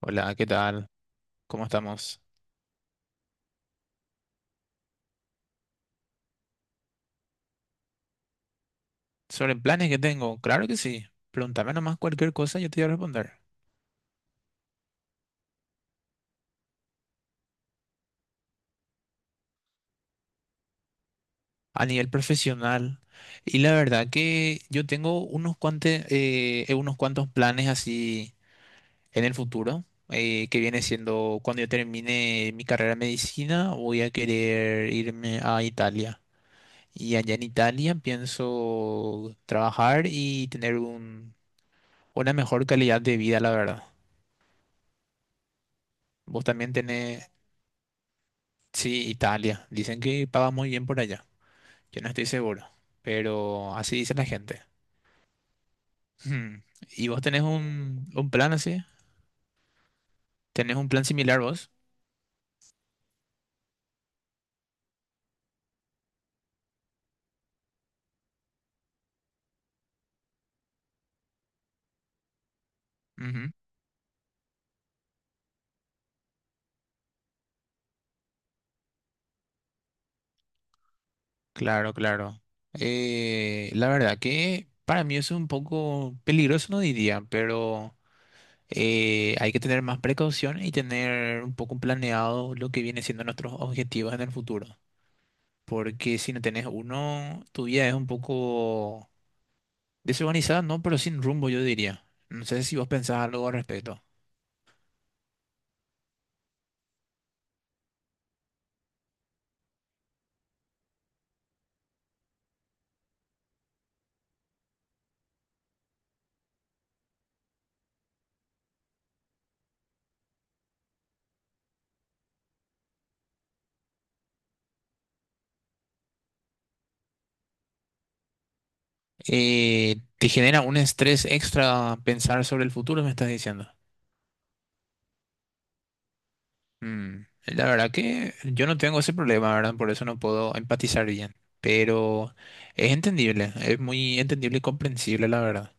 Hola, ¿qué tal? ¿Cómo estamos? Sobre planes que tengo, claro que sí. Pregúntame nomás cualquier cosa, yo te voy a responder. A nivel profesional, y la verdad que yo tengo unos cuantos planes así en el futuro, que viene siendo cuando yo termine mi carrera de medicina, voy a querer irme a Italia. Y allá en Italia pienso trabajar y tener una mejor calidad de vida, la verdad. ¿Vos también tenés... Sí, Italia. Dicen que paga muy bien por allá. Yo no estoy seguro, pero así dice la gente. Hmm. ¿Y vos tenés un plan así? ¿Tenés un plan similar vos? Ujú. Claro, claro. La verdad que para mí eso es un poco peligroso, no diría, pero hay que tener más precaución y tener un poco planeado lo que viene siendo nuestros objetivos en el futuro. Porque si no tenés uno, tu vida es un poco desorganizada no, pero sin rumbo, yo diría. No sé si vos pensás algo al respecto. ¿Te genera un estrés extra pensar sobre el futuro, me estás diciendo? Mm, la verdad que yo no tengo ese problema, ¿verdad? Por eso no puedo empatizar bien. Pero es entendible, es muy entendible y comprensible, la verdad.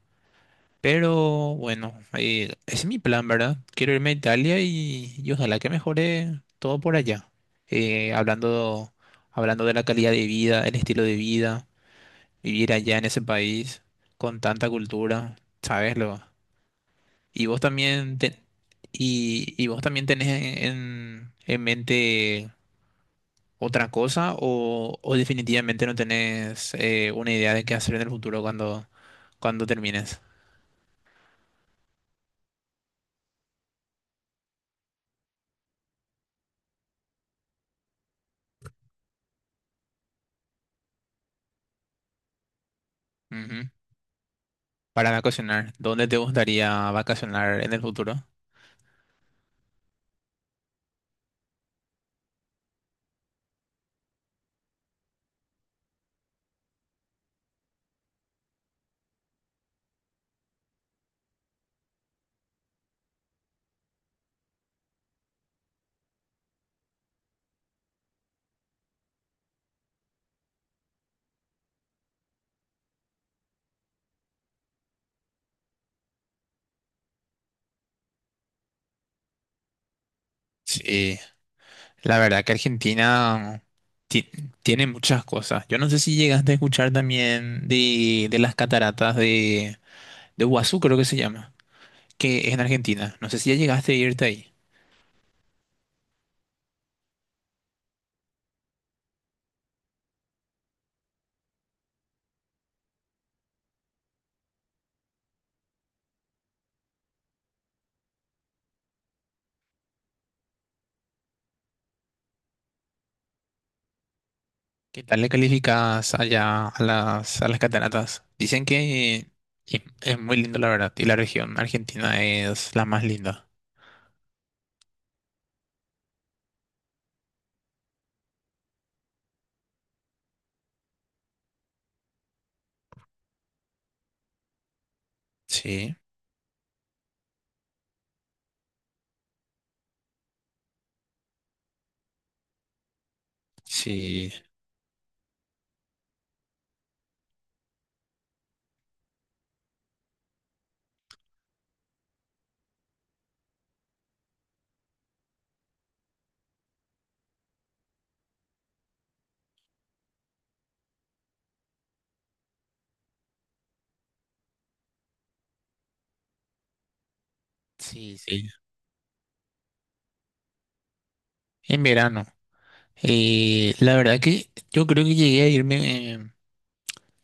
Pero bueno, ese es mi plan, ¿verdad? Quiero irme a Italia y ojalá que mejore todo por allá. Eh, hablando, hablando de la calidad de vida, el estilo de vida, vivir allá en ese país con tanta cultura, ¿sabes? Y vos también y vos también tenés en mente otra cosa o definitivamente no tenés una idea de qué hacer en el futuro cuando, cuando termines. Ujú. Para vacacionar, ¿dónde te gustaría vacacionar en el futuro? Sí, la verdad que Argentina ti- tiene muchas cosas. Yo no sé si llegaste a escuchar también de las cataratas de Guazú creo que se llama, que es en Argentina. No sé si ya llegaste a irte ahí. ¿Qué tal le calificas allá a las cataratas? Dicen que es muy lindo, la verdad, y la región argentina es la más linda. Sí, sí, sí, sí. En verano. La verdad que yo creo que llegué a irme eh,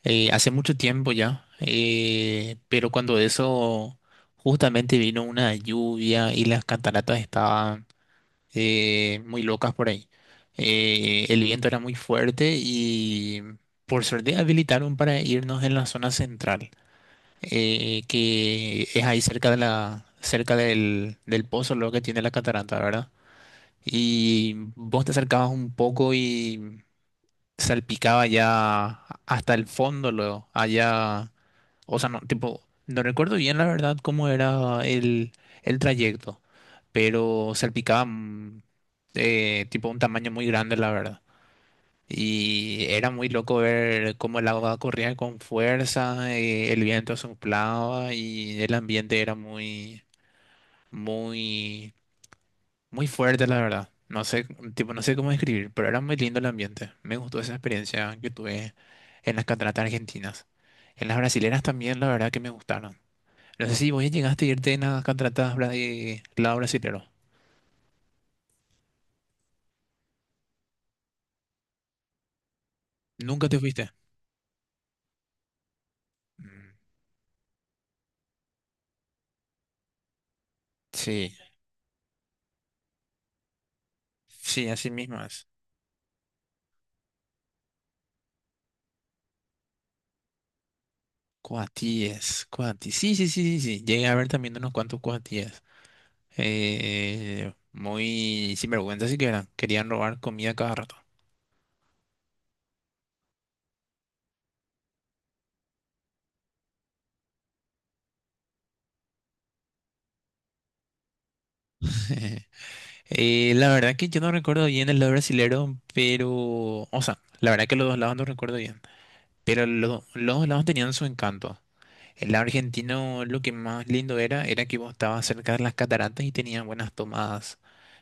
eh, hace mucho tiempo ya, pero cuando eso justamente vino una lluvia y las cataratas estaban muy locas por ahí. El viento era muy fuerte y por suerte habilitaron para irnos en la zona central, que es ahí cerca de la, cerca del, del pozo lo que tiene la catarata, ¿verdad? Y vos te acercabas un poco y salpicaba ya hasta el fondo luego, allá. O sea, no, tipo, no recuerdo bien la verdad cómo era el trayecto, pero salpicaba tipo un tamaño muy grande, la verdad. Y era muy loco ver cómo el agua corría con fuerza, el viento soplaba y el ambiente era muy, muy, muy fuerte, la verdad. No sé, tipo, no sé cómo describir, pero era muy lindo el ambiente. Me gustó esa experiencia que tuve en las cataratas argentinas. En las brasileras también, la verdad que me gustaron. No sé si vos ya llegaste a irte en las cataratas de lado brasilero. Nunca te fuiste. Mm, sí, sí, así mismo es. Cuatíes, cuatíes. Sí, sí, sí, sí, sí. Llegué a ver también unos cuantos cuatíes. Muy sinvergüenza sí que eran. Querían robar comida cada rato. La verdad que yo no recuerdo bien el lado brasilero, pero... O sea, la verdad que los dos lados no recuerdo bien. Pero los dos lados tenían su encanto. El argentino lo que más lindo era, era que vos estabas cerca de las cataratas y tenías buenas tomadas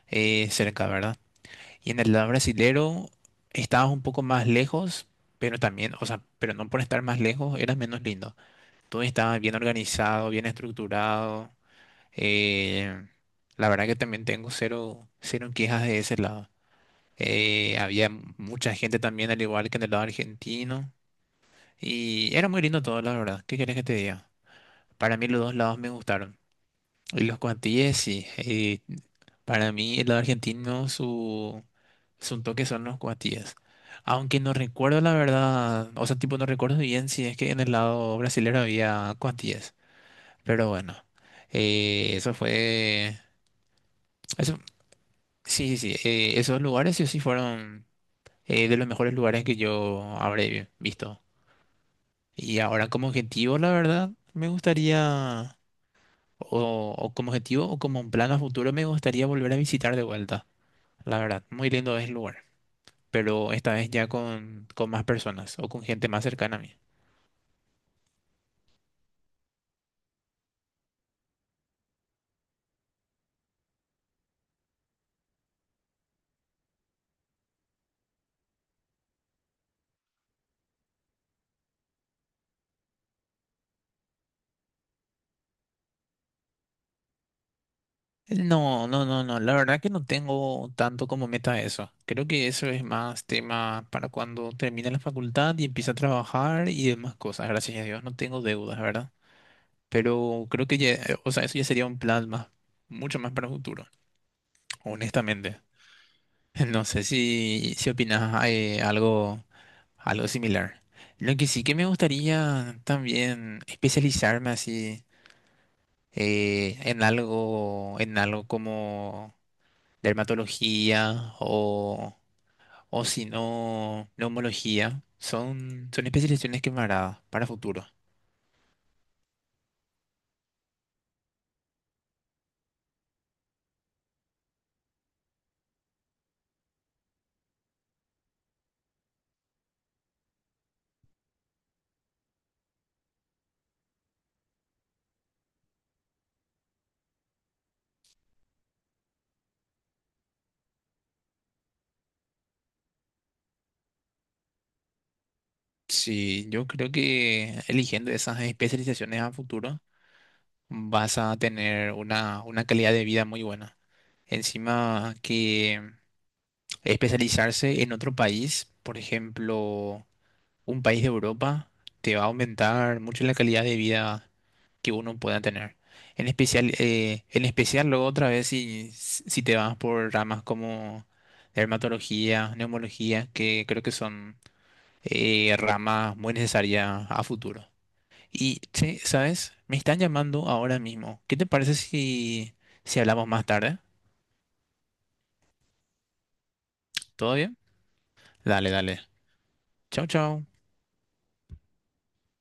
cerca, ¿verdad? Y en el lado brasilero estabas un poco más lejos, pero también, o sea, pero no por estar más lejos, era menos lindo. Todo estaba bien organizado, bien estructurado. eh, la verdad que también tengo cero, cero quejas de ese lado. Había mucha gente también, al igual que en el lado argentino. Y era muy lindo todo, la verdad. ¿Qué quieres que te diga? Para mí los dos lados me gustaron. Y los cuantilles, sí. Para mí, el lado argentino, su toque son los cuatillas. Aunque no recuerdo la verdad, o sea, tipo, no recuerdo bien si es que en el lado brasilero había cuatillas. Pero bueno, eso fue. Eso, sí, sí, sí. Esos lugares sí o sí fueron de los mejores lugares que yo habré visto. Y ahora, como objetivo, la verdad, me gustaría. O como objetivo o como un plan a futuro, me gustaría volver a visitar de vuelta. La verdad, muy lindo es el lugar, pero esta vez ya con más personas o con gente más cercana a mí. No, no, no, no, la verdad que no tengo tanto como meta eso. Creo que eso es más tema para cuando termine la facultad y empiece a trabajar y demás cosas. Gracias a Dios no tengo deudas, ¿verdad? Pero creo que ya, o sea, eso ya sería un plan más, mucho más para el futuro, honestamente. No sé si, si opinas algo algo similar. Lo que sí que me gustaría también especializarme así en algo como dermatología o si no, neumología. Son, son especializaciones que me agradan para futuro. Sí, yo creo que eligiendo esas especializaciones a futuro vas a tener una calidad de vida muy buena. Encima que especializarse en otro país, por ejemplo, un país de Europa te va a aumentar mucho la calidad de vida que uno pueda tener. En especial luego otra vez si, si te vas por ramas como dermatología, neumología, que creo que son ramas muy necesarias a futuro. Y, che, ¿sabes? Me están llamando ahora mismo. ¿Qué te parece si, si hablamos más tarde? ¿Todo bien? Dale, dale. Chao, chao.